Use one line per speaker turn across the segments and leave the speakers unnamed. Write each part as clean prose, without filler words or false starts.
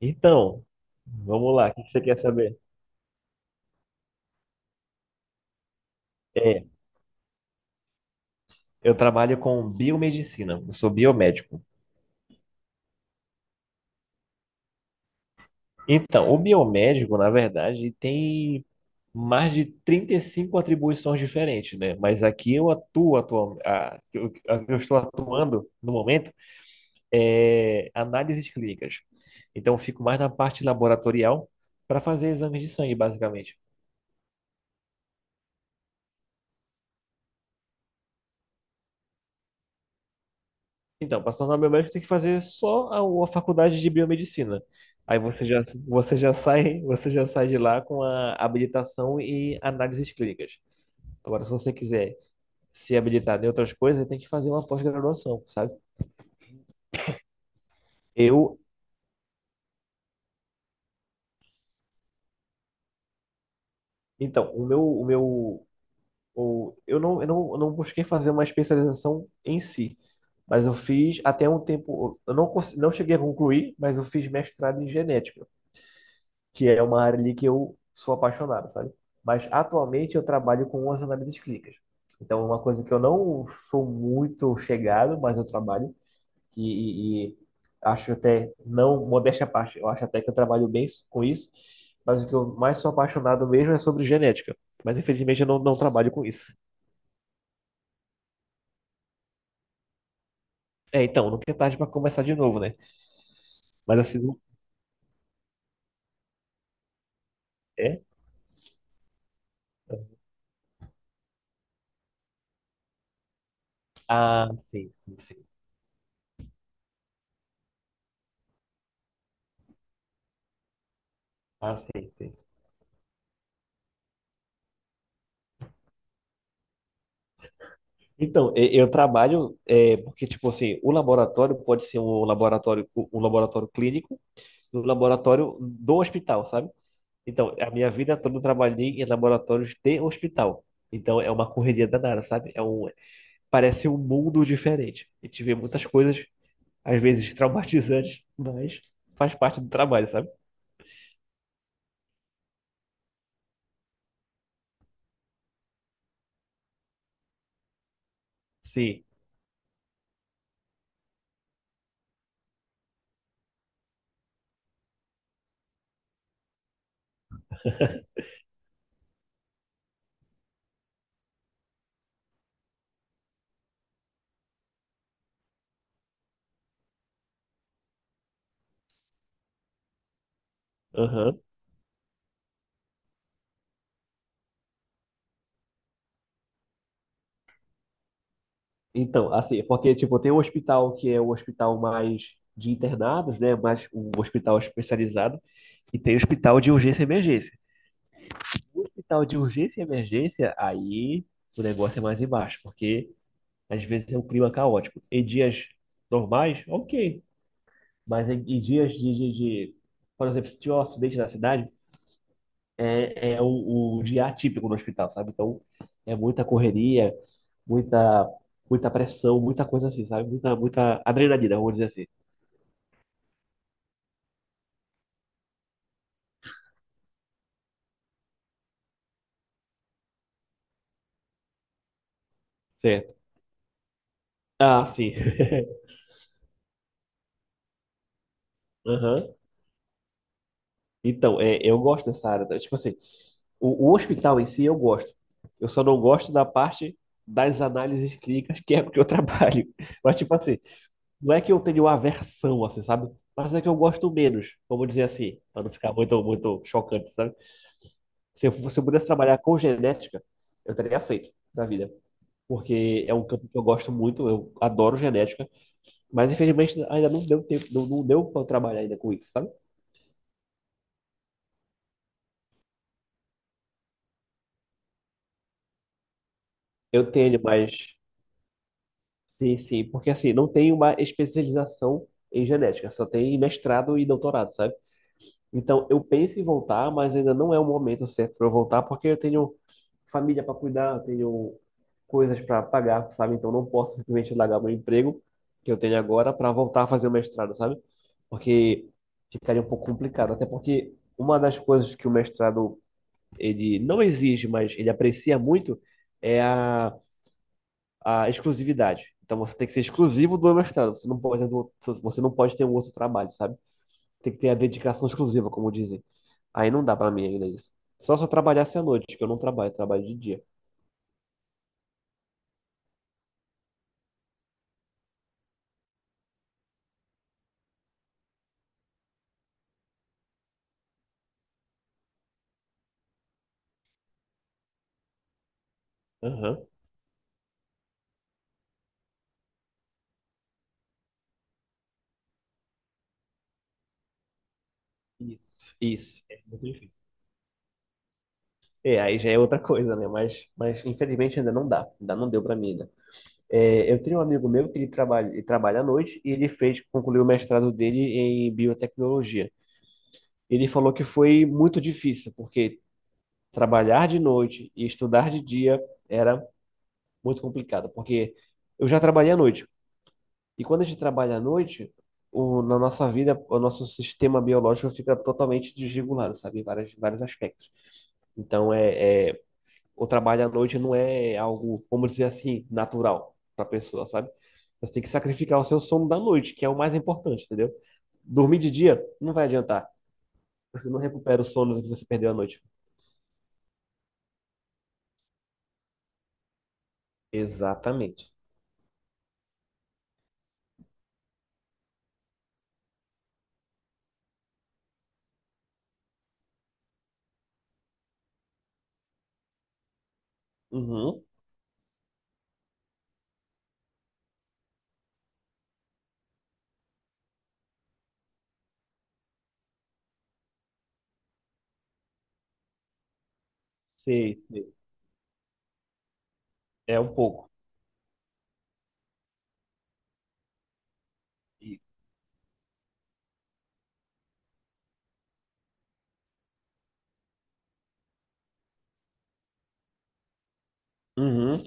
Então, vamos lá, o que que você quer saber? É, eu trabalho com biomedicina, eu sou biomédico. Então, o biomédico, na verdade, tem mais de 35 atribuições diferentes, né? Mas aqui eu atuo, atual, a eu estou atuando no momento é análises clínicas. Então, eu fico mais na parte laboratorial para fazer exames de sangue, basicamente. Então, para se tornar biomédico, tem que fazer só a faculdade de biomedicina. Aí você já sai, você já sai de lá com a habilitação e análises clínicas. Agora, se você quiser se habilitar em outras coisas, tem que fazer uma pós-graduação, sabe? Eu, então, o meu, o meu, o, eu não busquei fazer uma especialização em si, mas eu fiz até um tempo, eu não, cons- não cheguei a concluir, mas eu fiz mestrado em genética. Que é uma área ali que eu sou apaixonado, sabe? Mas atualmente eu trabalho com as análises clínicas. Então, é uma coisa que eu não sou muito chegado, mas eu trabalho e acho até, não, modéstia à parte, eu acho até que eu trabalho bem com isso, mas o que eu mais sou apaixonado mesmo é sobre genética. Mas infelizmente eu não trabalho com isso. É, então, nunca é tarde para começar de novo, né? Mas assim, é? Ah, sim, sim, sim. Ah, sim, sim. Então, eu trabalho é, porque tipo assim, o laboratório pode ser um laboratório um um laboratório clínico e um laboratório do hospital, sabe? Então, a minha vida toda eu trabalhei em laboratórios de hospital. Então, é uma correria danada, sabe? Parece um mundo diferente. E tive muitas coisas às vezes traumatizantes, mas faz parte do trabalho, sabe? Sim. Aham. Então, assim, porque tipo, tem um hospital que é o hospital mais de internados, né? Mais um hospital especializado. E tem hospital de urgência e emergência. O hospital de urgência e emergência, aí o negócio é mais embaixo, porque às vezes é um clima caótico. Em dias normais, ok. Mas em dias por exemplo, se tiver um acidente na cidade, é o dia atípico no hospital, sabe? Então é muita correria, muita, muita pressão, muita coisa assim, sabe? Muita, muita adrenalina, vamos dizer assim. Certo. Ah, sim. Aham. Então, eu gosto dessa área, tá? Tipo assim, o hospital em si eu gosto. Eu só não gosto da parte das análises clínicas, que é porque eu trabalho. Mas, tipo assim, não é que eu tenho aversão, assim, sabe? Mas é que eu gosto menos, vamos dizer assim, para não ficar muito, muito chocante, sabe? Se eu pudesse trabalhar com genética, eu teria feito na vida. Porque é um campo que eu gosto muito, eu adoro genética, mas infelizmente ainda não deu tempo, não deu para eu trabalhar ainda com isso, sabe? Eu tenho, mas sim, sim, porque assim, não tem uma especialização em genética, só tem mestrado e doutorado, sabe? Então, eu penso em voltar, mas ainda não é o momento certo para eu voltar, porque eu tenho família para cuidar, eu tenho coisas para pagar, sabe? Então, não posso simplesmente largar meu emprego que eu tenho agora para voltar a fazer o mestrado, sabe? Porque ficaria um pouco complicado, até porque uma das coisas que o mestrado ele não exige, mas ele aprecia muito é a exclusividade. Então você tem que ser exclusivo do mestrado. Você não pode ter um outro trabalho, sabe? Tem que ter a dedicação exclusiva, como dizem. Aí não dá pra mim ainda isso. Só se eu trabalhasse à noite, que eu não trabalho, eu trabalho de dia. Aham. Isso, isso. É muito difícil. É, aí já é outra coisa, né? Mas infelizmente ainda não dá. Ainda não deu pra mim ainda. É, eu tenho um amigo meu que ele trabalha à noite e concluiu o mestrado dele em biotecnologia. Ele falou que foi muito difícil, porque trabalhar de noite e estudar de dia era muito complicado, porque eu já trabalhei à noite. E quando a gente trabalha à noite, na nossa vida, o nosso sistema biológico fica totalmente desregulado, sabe? Em vários, vários aspectos. Então, o trabalho à noite não é algo, vamos dizer assim, natural para a pessoa, sabe? Você tem que sacrificar o seu sono da noite, que é o mais importante, entendeu? Dormir de dia não vai adiantar. Você não recupera o sono que você perdeu à noite. Exatamente. Uhum. Sei, sei. É um pouco. E- Uhum,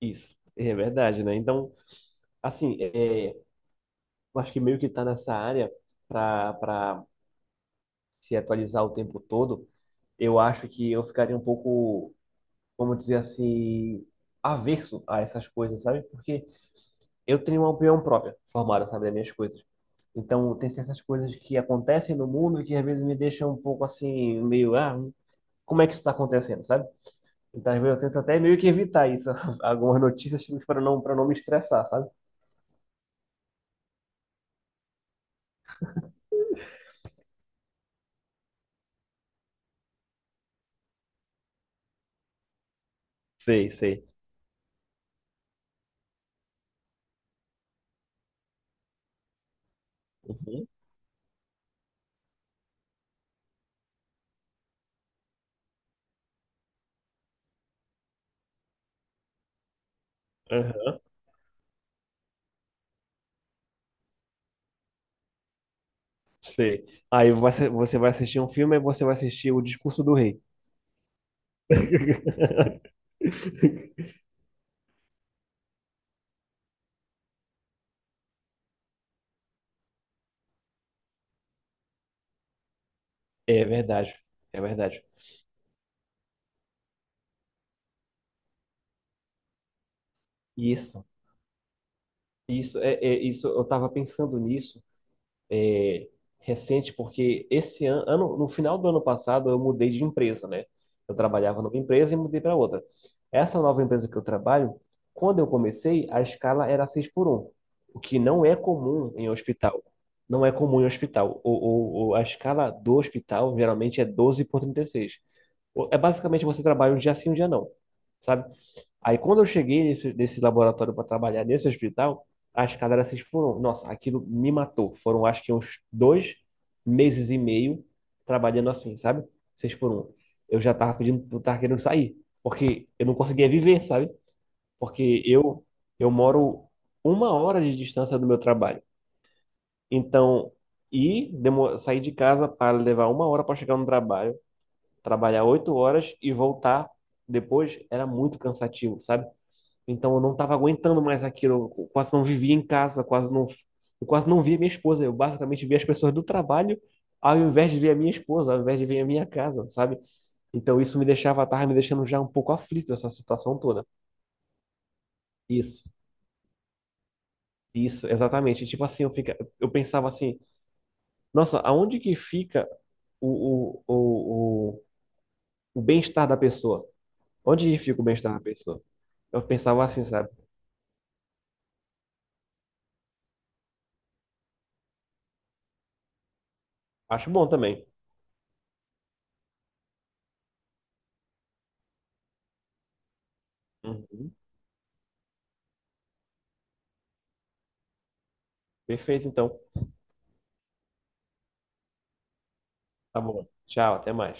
isso. É verdade, né? Então, assim, eu acho que meio que tá nessa área para se atualizar o tempo todo. Eu acho que eu ficaria um pouco, vamos dizer assim, averso a essas coisas, sabe? Porque eu tenho uma opinião própria formada, sabe, das minhas coisas. Então, tem certas coisas que acontecem no mundo que às vezes me deixam um pouco assim, meio, ah, como é que isso está acontecendo, sabe? Então, às vezes eu tento até meio que evitar isso, algumas notícias para não, me estressar, sabe? Sei, sei. Uhum. Aham. Sei. Aí você vai assistir um filme e você vai assistir O Discurso do Rei. É verdade. É verdade. Isso. Isso eu estava pensando nisso, é, recente, porque esse ano, no final do ano passado, eu mudei de empresa, né? Eu trabalhava numa empresa e mudei para outra. Essa nova empresa que eu trabalho, quando eu comecei, a escala era 6 por um, o que não é comum em hospital. Não é comum em hospital. A escala do hospital geralmente é 12 por 36. É basicamente você trabalha um dia sim, um dia não, sabe? Aí quando eu cheguei nesse laboratório para trabalhar nesse hospital, as cadáveres foram, nossa, aquilo me matou. Foram acho que uns 2 meses e meio trabalhando assim, sabe? Seis por um. Eu já tava pedindo, eu tava querendo sair, porque eu não conseguia viver, sabe? Porque eu moro uma hora de distância do meu trabalho. Então, sair de casa para levar uma hora para chegar no trabalho, trabalhar 8 horas e voltar depois era muito cansativo, sabe? Então eu não estava aguentando mais aquilo. Eu quase não vivia em casa, quase não, eu quase não via minha esposa. Eu basicamente via as pessoas do trabalho ao invés de ver a minha esposa, ao invés de ver a minha casa, sabe? Então isso me deixava, tava me deixando já um pouco aflito essa situação toda. Isso, isso, exatamente. Tipo assim, eu pensava assim, nossa, aonde que fica o, o, o, o, o bem-estar da pessoa? Onde que fica o bem-estar da pessoa? Eu pensava assim, sabe? Acho bom também. Uhum. Perfeito, então. Tá bom. Tchau, até mais.